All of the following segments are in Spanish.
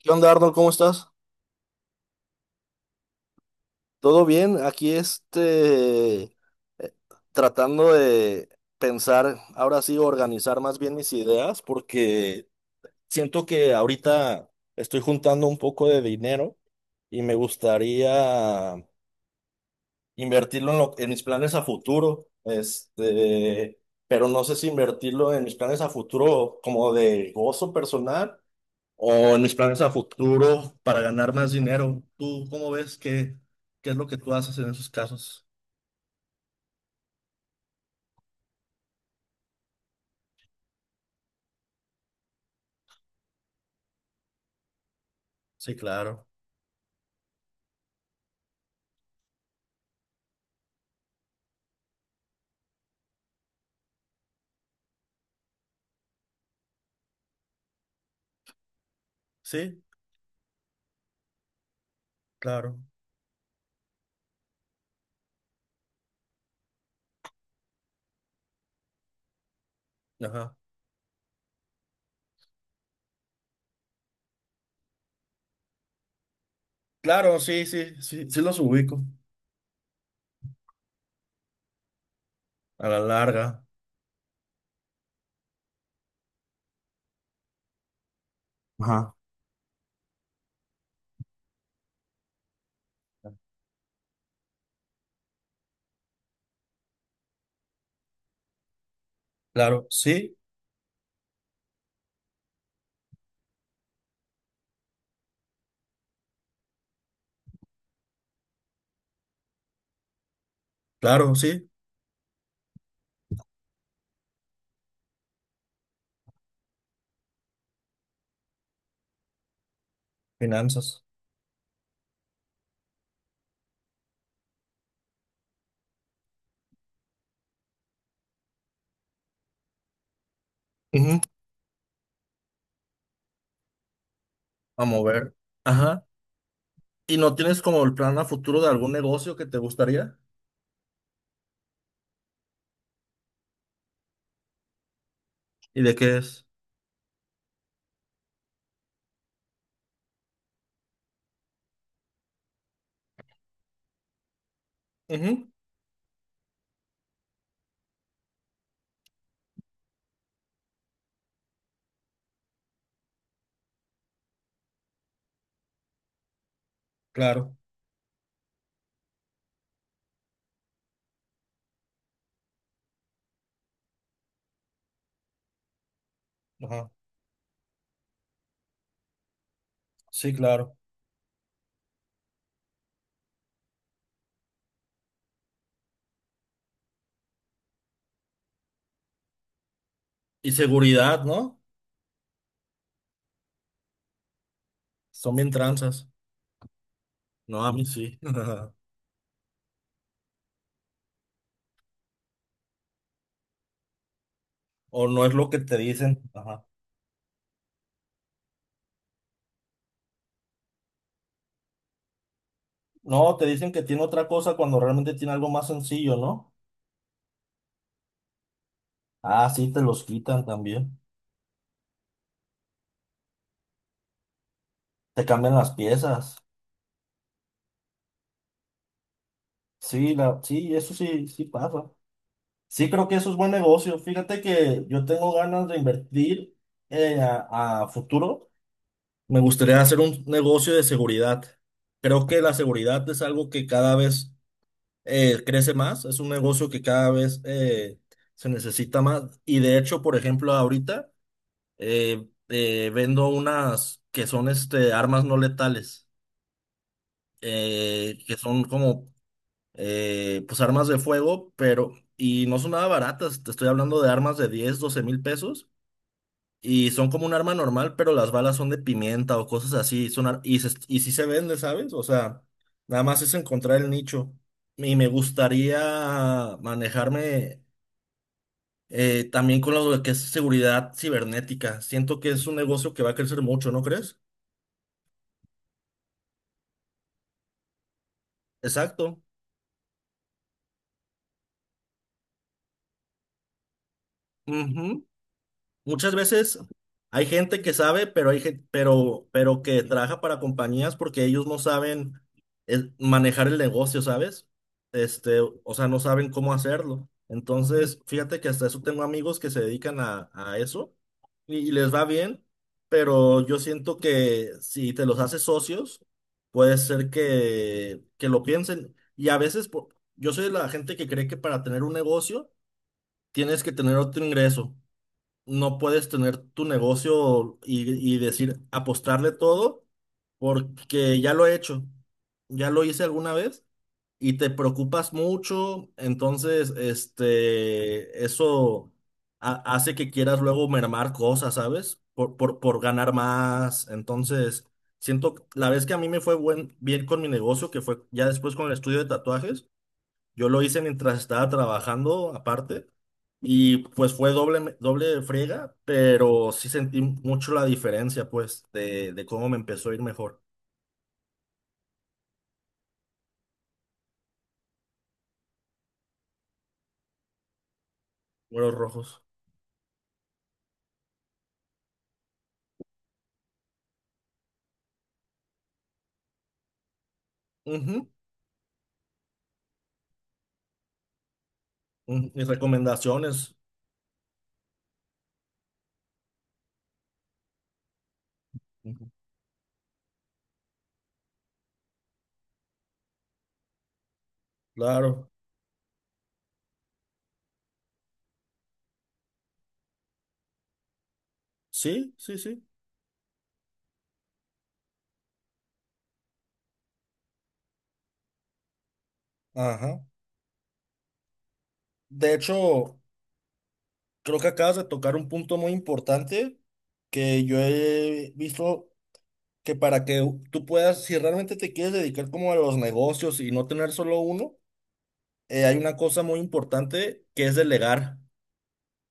¿Qué onda, Arnold? ¿Cómo estás? ¿Todo bien? Aquí eh, tratando de pensar, ahora sí, organizar más bien mis ideas, porque siento que ahorita estoy juntando un poco de dinero y me gustaría invertirlo en, en mis planes a futuro, pero no sé si invertirlo en mis planes a futuro como de gozo personal o en mis planes a futuro para ganar más dinero. ¿Tú cómo ves qué es lo que tú haces en esos casos? Sí, claro. Sí, claro. Ajá. Claro, sí, sí, sí, sí los ubico a la larga. Ajá. Claro, sí, claro, sí. Finanzas. Ujú. A mover. Ajá. ¿Y no tienes como el plan a futuro de algún negocio que te gustaría? ¿Y de qué es? Ujú. Claro. Ajá. Sí, claro. Y seguridad, ¿no? Son bien tranzas. No, a mí sí. O no es lo que te dicen. Ajá. No, te dicen que tiene otra cosa cuando realmente tiene algo más sencillo, ¿no? Ah, sí, te los quitan también. Te cambian las piezas. Sí, sí, eso sí, sí pasa. Sí, creo que eso es buen negocio. Fíjate que yo tengo ganas de invertir a futuro. Me gustaría hacer un negocio de seguridad. Creo que la seguridad es algo que cada vez crece más. Es un negocio que cada vez se necesita más. Y de hecho, por ejemplo, ahorita, vendo unas que son armas no letales, que son como pues armas de fuego, pero y no son nada baratas, te estoy hablando de armas de 10 12,000 pesos y son como un arma normal, pero las balas son de pimienta o cosas así, son ar- y, se- y sí se vende, ¿sabes? O sea, nada más es encontrar el nicho y me gustaría manejarme también con lo que es seguridad cibernética. Siento que es un negocio que va a crecer mucho, ¿no crees? Exacto. Ujú. Muchas veces hay gente que sabe, pero hay pero que trabaja para compañías porque ellos no saben manejar el negocio, ¿sabes? O sea, no saben cómo hacerlo. Entonces, fíjate que hasta eso tengo amigos que se dedican a eso y les va bien, pero yo siento que si te los haces socios, puede ser que lo piensen. Y a veces, yo soy de la gente que cree que para tener un negocio tienes que tener otro ingreso. No puedes tener tu negocio y decir apostarle todo porque ya lo he hecho, ya lo hice alguna vez y te preocupas mucho, entonces eso hace que quieras luego mermar cosas, ¿sabes? Por ganar más. Entonces, siento, la vez que a mí me fue bien con mi negocio, que fue ya después con el estudio de tatuajes, yo lo hice mientras estaba trabajando aparte y pues fue doble, doble friega, pero sí sentí mucho la diferencia pues de cómo me empezó a ir mejor. Números rojos. Ujú, ujú. Mis recomendaciones. Ujú. Claro. Sí, sí, sí. Ajá. De hecho, creo que acabas de tocar un punto muy importante que yo he visto que para que tú puedas, si realmente te quieres dedicar como a los negocios y no tener solo uno, hay una cosa muy importante que es delegar.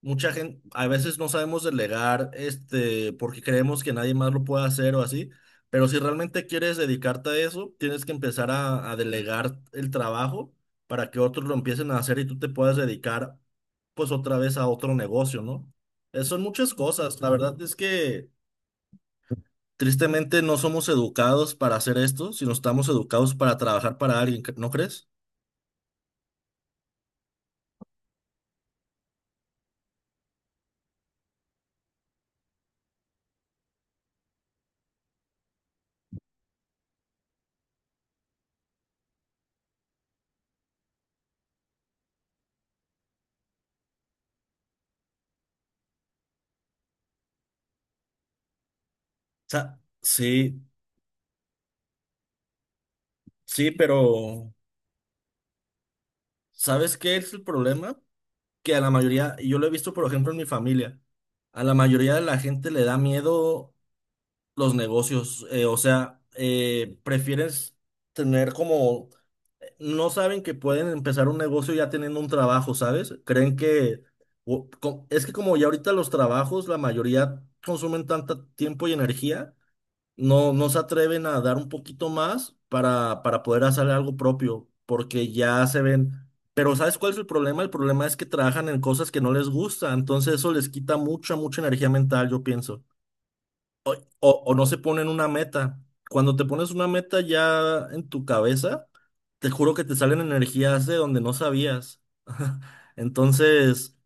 Mucha gente, a veces no sabemos delegar, porque creemos que nadie más lo puede hacer o así, pero si realmente quieres dedicarte a eso, tienes que empezar a delegar el trabajo para que otros lo empiecen a hacer y tú te puedas dedicar, pues otra vez a otro negocio, ¿no? Son muchas cosas. La verdad es que tristemente no somos educados para hacer esto, sino estamos educados para trabajar para alguien, ¿no crees? Sea, sí, sí, pero ¿sabes qué es el problema? Que a la mayoría, y yo lo he visto por ejemplo en mi familia, a la mayoría de la gente le da miedo los negocios, o sea, prefieres tener como, no saben que pueden empezar un negocio ya teniendo un trabajo, ¿sabes? Creen que, es que como ya ahorita los trabajos, la mayoría consumen tanto tiempo y energía no, no se atreven a dar un poquito más para poder hacer algo propio, porque ya se ven. Pero ¿sabes cuál es el problema? El problema es que trabajan en cosas que no les gusta, entonces eso les quita mucha, mucha energía mental, yo pienso. O no se ponen una meta. Cuando te pones una meta ya en tu cabeza, te juro que te salen energías de donde no sabías. Entonces.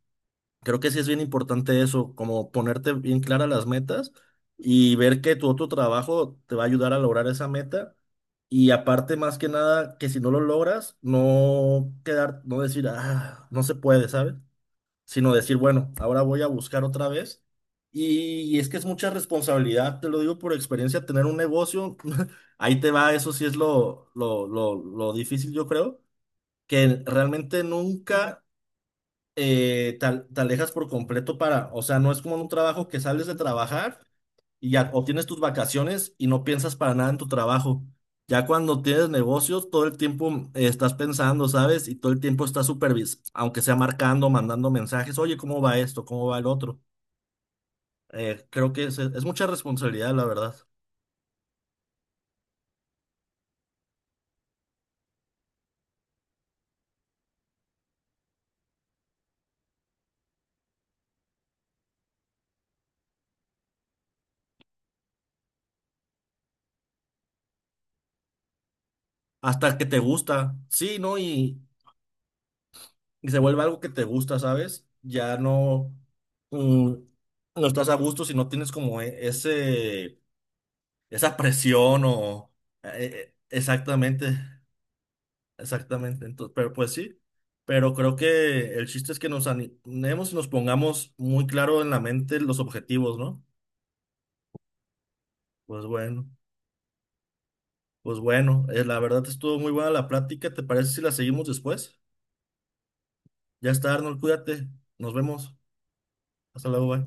Creo que sí es bien importante eso, como ponerte bien claras las metas y ver que tu otro trabajo te va a ayudar a lograr esa meta. Y aparte, más que nada, que si no lo logras, no quedar, no decir, ah, no se puede, ¿sabes? Sino decir, bueno, ahora voy a buscar otra vez. Y, es que es mucha responsabilidad, te lo digo por experiencia, tener un negocio, ahí te va, eso sí es lo difícil, yo creo, que realmente nunca te alejas por completo para, o sea, no es como en un trabajo que sales de trabajar y ya obtienes tus vacaciones y no piensas para nada en tu trabajo. Ya cuando tienes negocios, todo el tiempo estás pensando, ¿sabes? Y todo el tiempo estás aunque sea marcando, mandando mensajes, oye, ¿cómo va esto? ¿Cómo va el otro? Creo que es mucha responsabilidad, la verdad. Hasta que te gusta, sí, ¿no? Y se vuelve algo que te gusta, ¿sabes? Ya no, mm, no estás a gusto si no tienes como ese esa presión o eh, exactamente, exactamente. Entonces, pero pues sí, pero creo que el chiste es que nos animemos y nos pongamos muy claro en la mente los objetivos, ¿no? Pues bueno, pues bueno, la verdad estuvo muy buena la plática. ¿Te parece si la seguimos después? Ya está, Arnold, cuídate. Nos vemos. Hasta luego, bye.